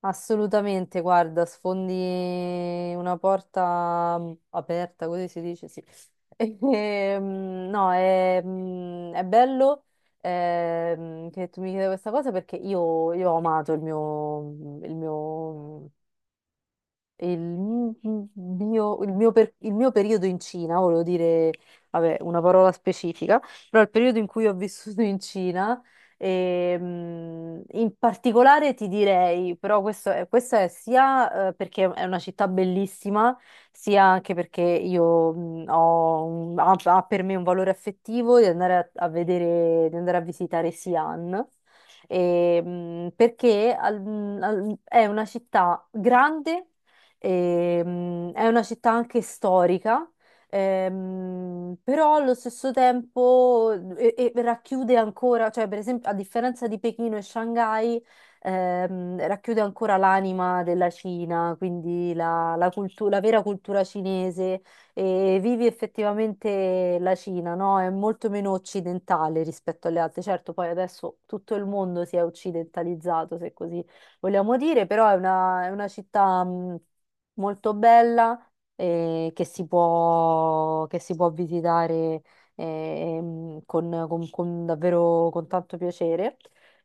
Assolutamente, guarda, sfondi una porta aperta, così si dice, sì. E, mm, no, è, mm, è bello che tu mi chieda questa cosa perché io ho amato il mio il mi- il mio periodo in Cina, volevo dire, vabbè, una parola specifica, però il periodo in cui ho vissuto in Cina, in particolare ti direi, però questa è sia perché è una città bellissima, sia anche perché io ha per me un valore affettivo di andare a vedere, di andare a visitare Xi'an. Perché è una città grande. È una città anche storica, però allo stesso tempo e racchiude ancora, cioè per esempio a differenza di Pechino e Shanghai, racchiude ancora l'anima della Cina, quindi la vera cultura cinese e vivi effettivamente la Cina, no? È molto meno occidentale rispetto alle altre. Certo, poi adesso tutto il mondo si è occidentalizzato, se così vogliamo dire, però è è una città... molto bella che si può visitare con, con davvero con tanto piacere.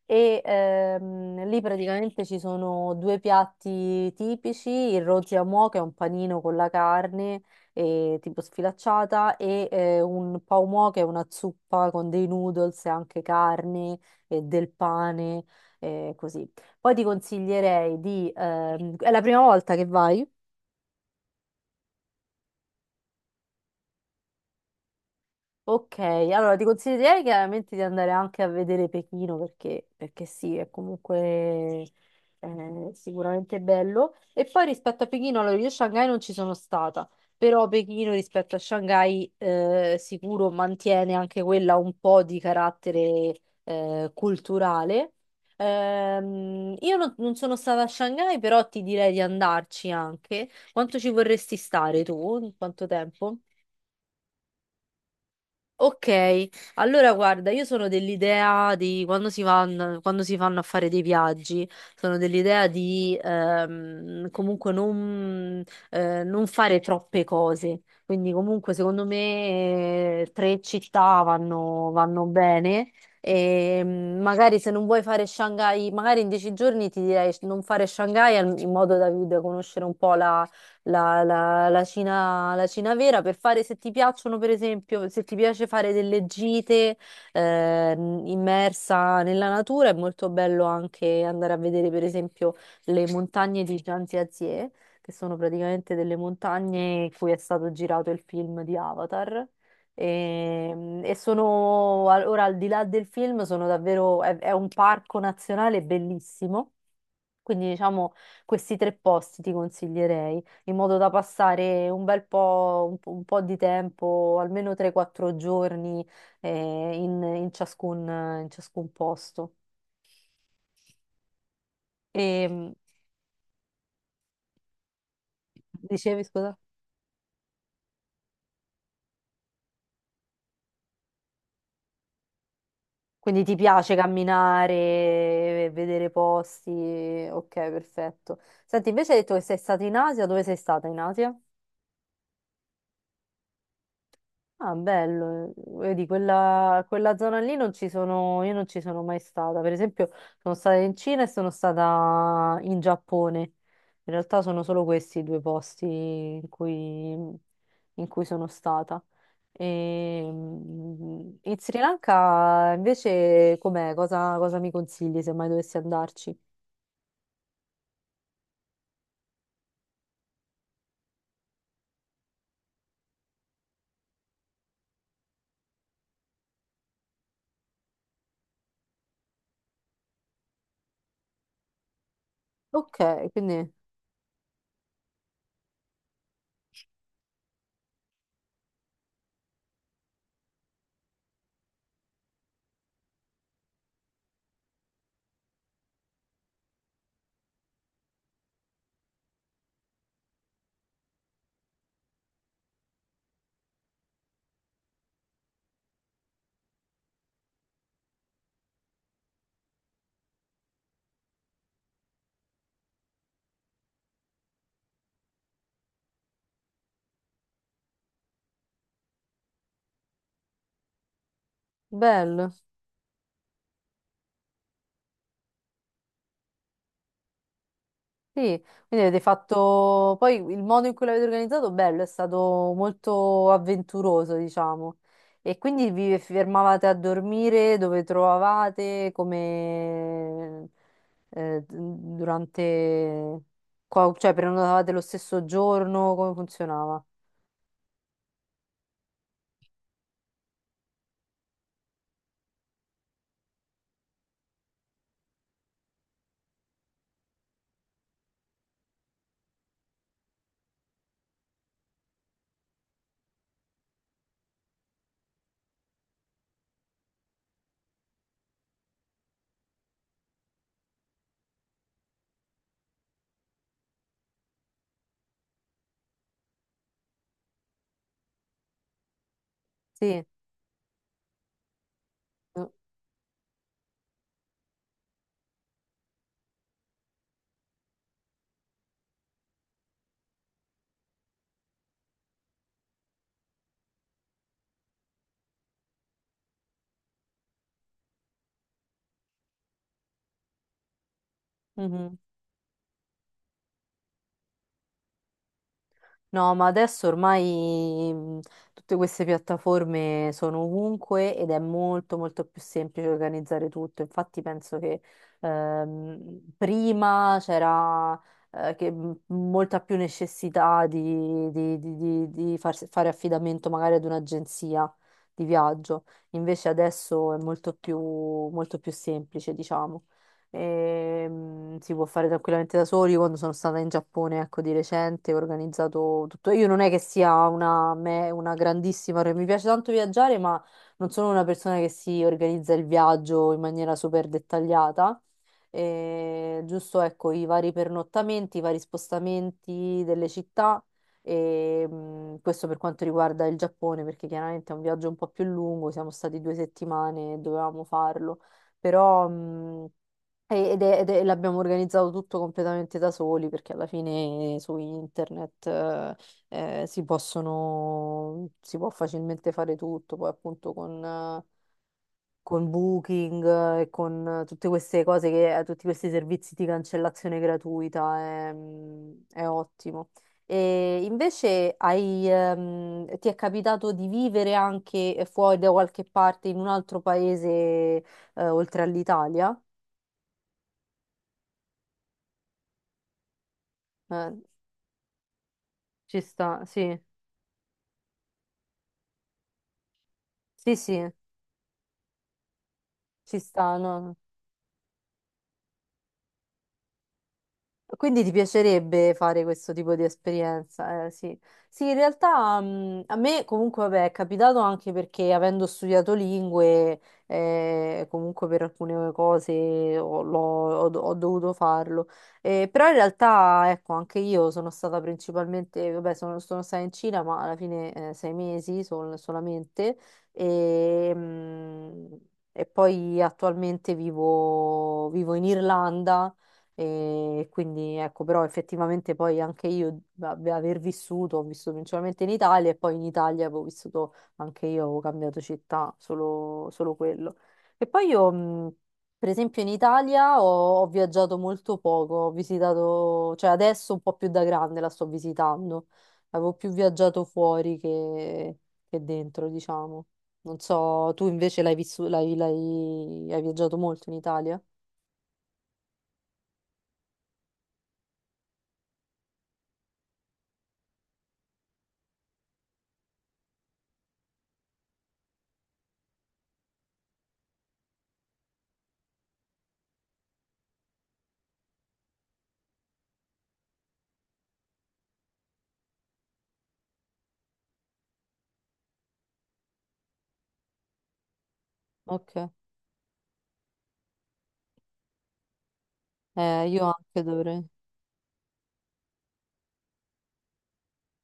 E lì praticamente ci sono due piatti tipici, il roziamò, che è un panino con la carne tipo sfilacciata, e un pau mo, che è una zuppa con dei noodles e anche carne e del pane, così. Poi ti consiglierei di... è la prima volta che vai? Ok, allora ti consiglierei chiaramente di andare anche a vedere Pechino perché, perché sì, è comunque sicuramente bello. E poi rispetto a Pechino, allora io a Shanghai non ci sono stata, però Pechino rispetto a Shanghai sicuro mantiene anche quella un po' di carattere culturale. Io non sono stata a Shanghai, però ti direi di andarci anche. Quanto ci vorresti stare tu? Quanto tempo? Ok, allora guarda, io sono dell'idea di quando quando si fanno a fare dei viaggi, sono dell'idea di comunque non fare troppe cose. Quindi comunque secondo me tre città vanno bene e magari se non vuoi fare Shanghai, magari in 10 giorni ti direi non fare Shanghai in modo da conoscere un po' la Cina vera per fare, se ti piacciono, per esempio, se ti piace fare delle gite eh, immersa nella natura. È molto bello anche andare a vedere, per esempio, le montagne di Zhangjiakou, che sono praticamente delle montagne in cui è stato girato il film di Avatar. E sono al- ora al di là del film, sono davvero, è un parco nazionale bellissimo, quindi diciamo questi tre posti ti consiglierei, in modo da passare un bel po', un po' di tempo, almeno 3-4 giorni eh, in, in ciascun, in ciascun posto. E mh, dicevi, scusa? Quindi ti piace camminare, vedere posti, ok, perfetto. Senti, invece hai detto che sei stata in Asia, dove sei stata in Asia? Ah, bello, vedi, quella zona lì non ci sono, io non ci sono mai stata. Per esempio, sono stata in Cina e sono stata in Giappone. In realtà sono solo questi i due posti in cui sono stata. In Sri Lanka invece com'è? Cosa mi consigli se mai dovessi andarci? Ok, quindi bello. Sì, quindi avete fatto poi il modo in cui l'avete organizzato, bello, è stato molto avventuroso, diciamo. E quindi vi fermavate a dormire dove trovavate, come durante, cioè prenotavate lo stesso giorno, come funzionava? Sì. Mhm. No, ma adesso ormai mh, tutte queste piattaforme sono ovunque ed è molto molto più semplice organizzare tutto. Infatti penso che prima c'era che molta più necessità di fare affidamento magari ad un'agenzia di viaggio. Invece adesso è molto più semplice, diciamo. Si può fare tranquillamente da soli. Io quando sono stata in Giappone, ecco, di recente, ho organizzato tutto. Io non è che sia una grandissima, mi piace tanto viaggiare, ma non sono una persona che si organizza il viaggio in maniera super dettagliata. Giusto, ecco, i vari pernottamenti, i vari spostamenti delle città. Questo per quanto riguarda il Giappone, perché chiaramente è un viaggio un po' più lungo, siamo stati 2 settimane e dovevamo farlo, però. L'abbiamo organizzato tutto completamente da soli, perché alla fine su internet si può facilmente fare tutto, poi appunto con Booking e con tutte queste cose tutti questi servizi di cancellazione gratuita è ottimo. E invece hai, ti è capitato di vivere anche fuori da qualche parte in un altro paese oltre all'Italia? Eh, Ci sta, sì, sì, sì, ci sta, no? Quindi ti piacerebbe fare questo tipo di esperienza? Sì. Sì, in realtà a me comunque vabbè, è capitato anche perché avendo studiato lingue, comunque per alcune cose ho dovuto farlo. Però in realtà, ecco, anche io sono stata principalmente, vabbè, sono stata in Cina, ma alla fine 6 mesi solamente. E, mh, e poi attualmente vivo in Irlanda e quindi ecco, però effettivamente poi anche io ho vissuto principalmente in Italia e poi in Italia avevo vissuto anche io, avevo cambiato città, solo quello. E poi io, mh, per esempio, in Italia ho viaggiato molto poco, ho visitato, cioè adesso un po' più da grande la sto visitando, avevo più viaggiato fuori che dentro, diciamo. Non so, tu invece l'hai vissu- l'hai, l'hai- hai viaggiato molto in Italia? Ok. Io anche dovrei.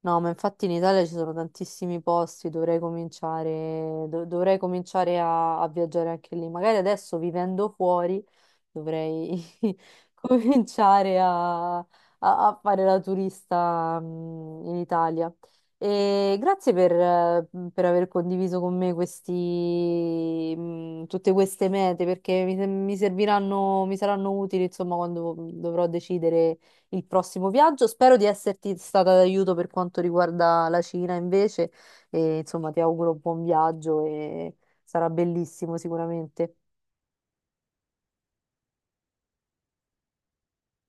No, ma infatti in Italia ci sono tantissimi posti, dovrei cominciare, dovrei cominciare a viaggiare anche lì. Magari adesso vivendo fuori dovrei cominciare a fare la turista in Italia. E grazie per aver condiviso con me tutte queste mete, perché mi serviranno, mi saranno utili, insomma, quando dovrò decidere il prossimo viaggio. Spero di esserti stata d'aiuto per quanto riguarda la Cina invece, e insomma ti auguro un buon viaggio e sarà bellissimo sicuramente.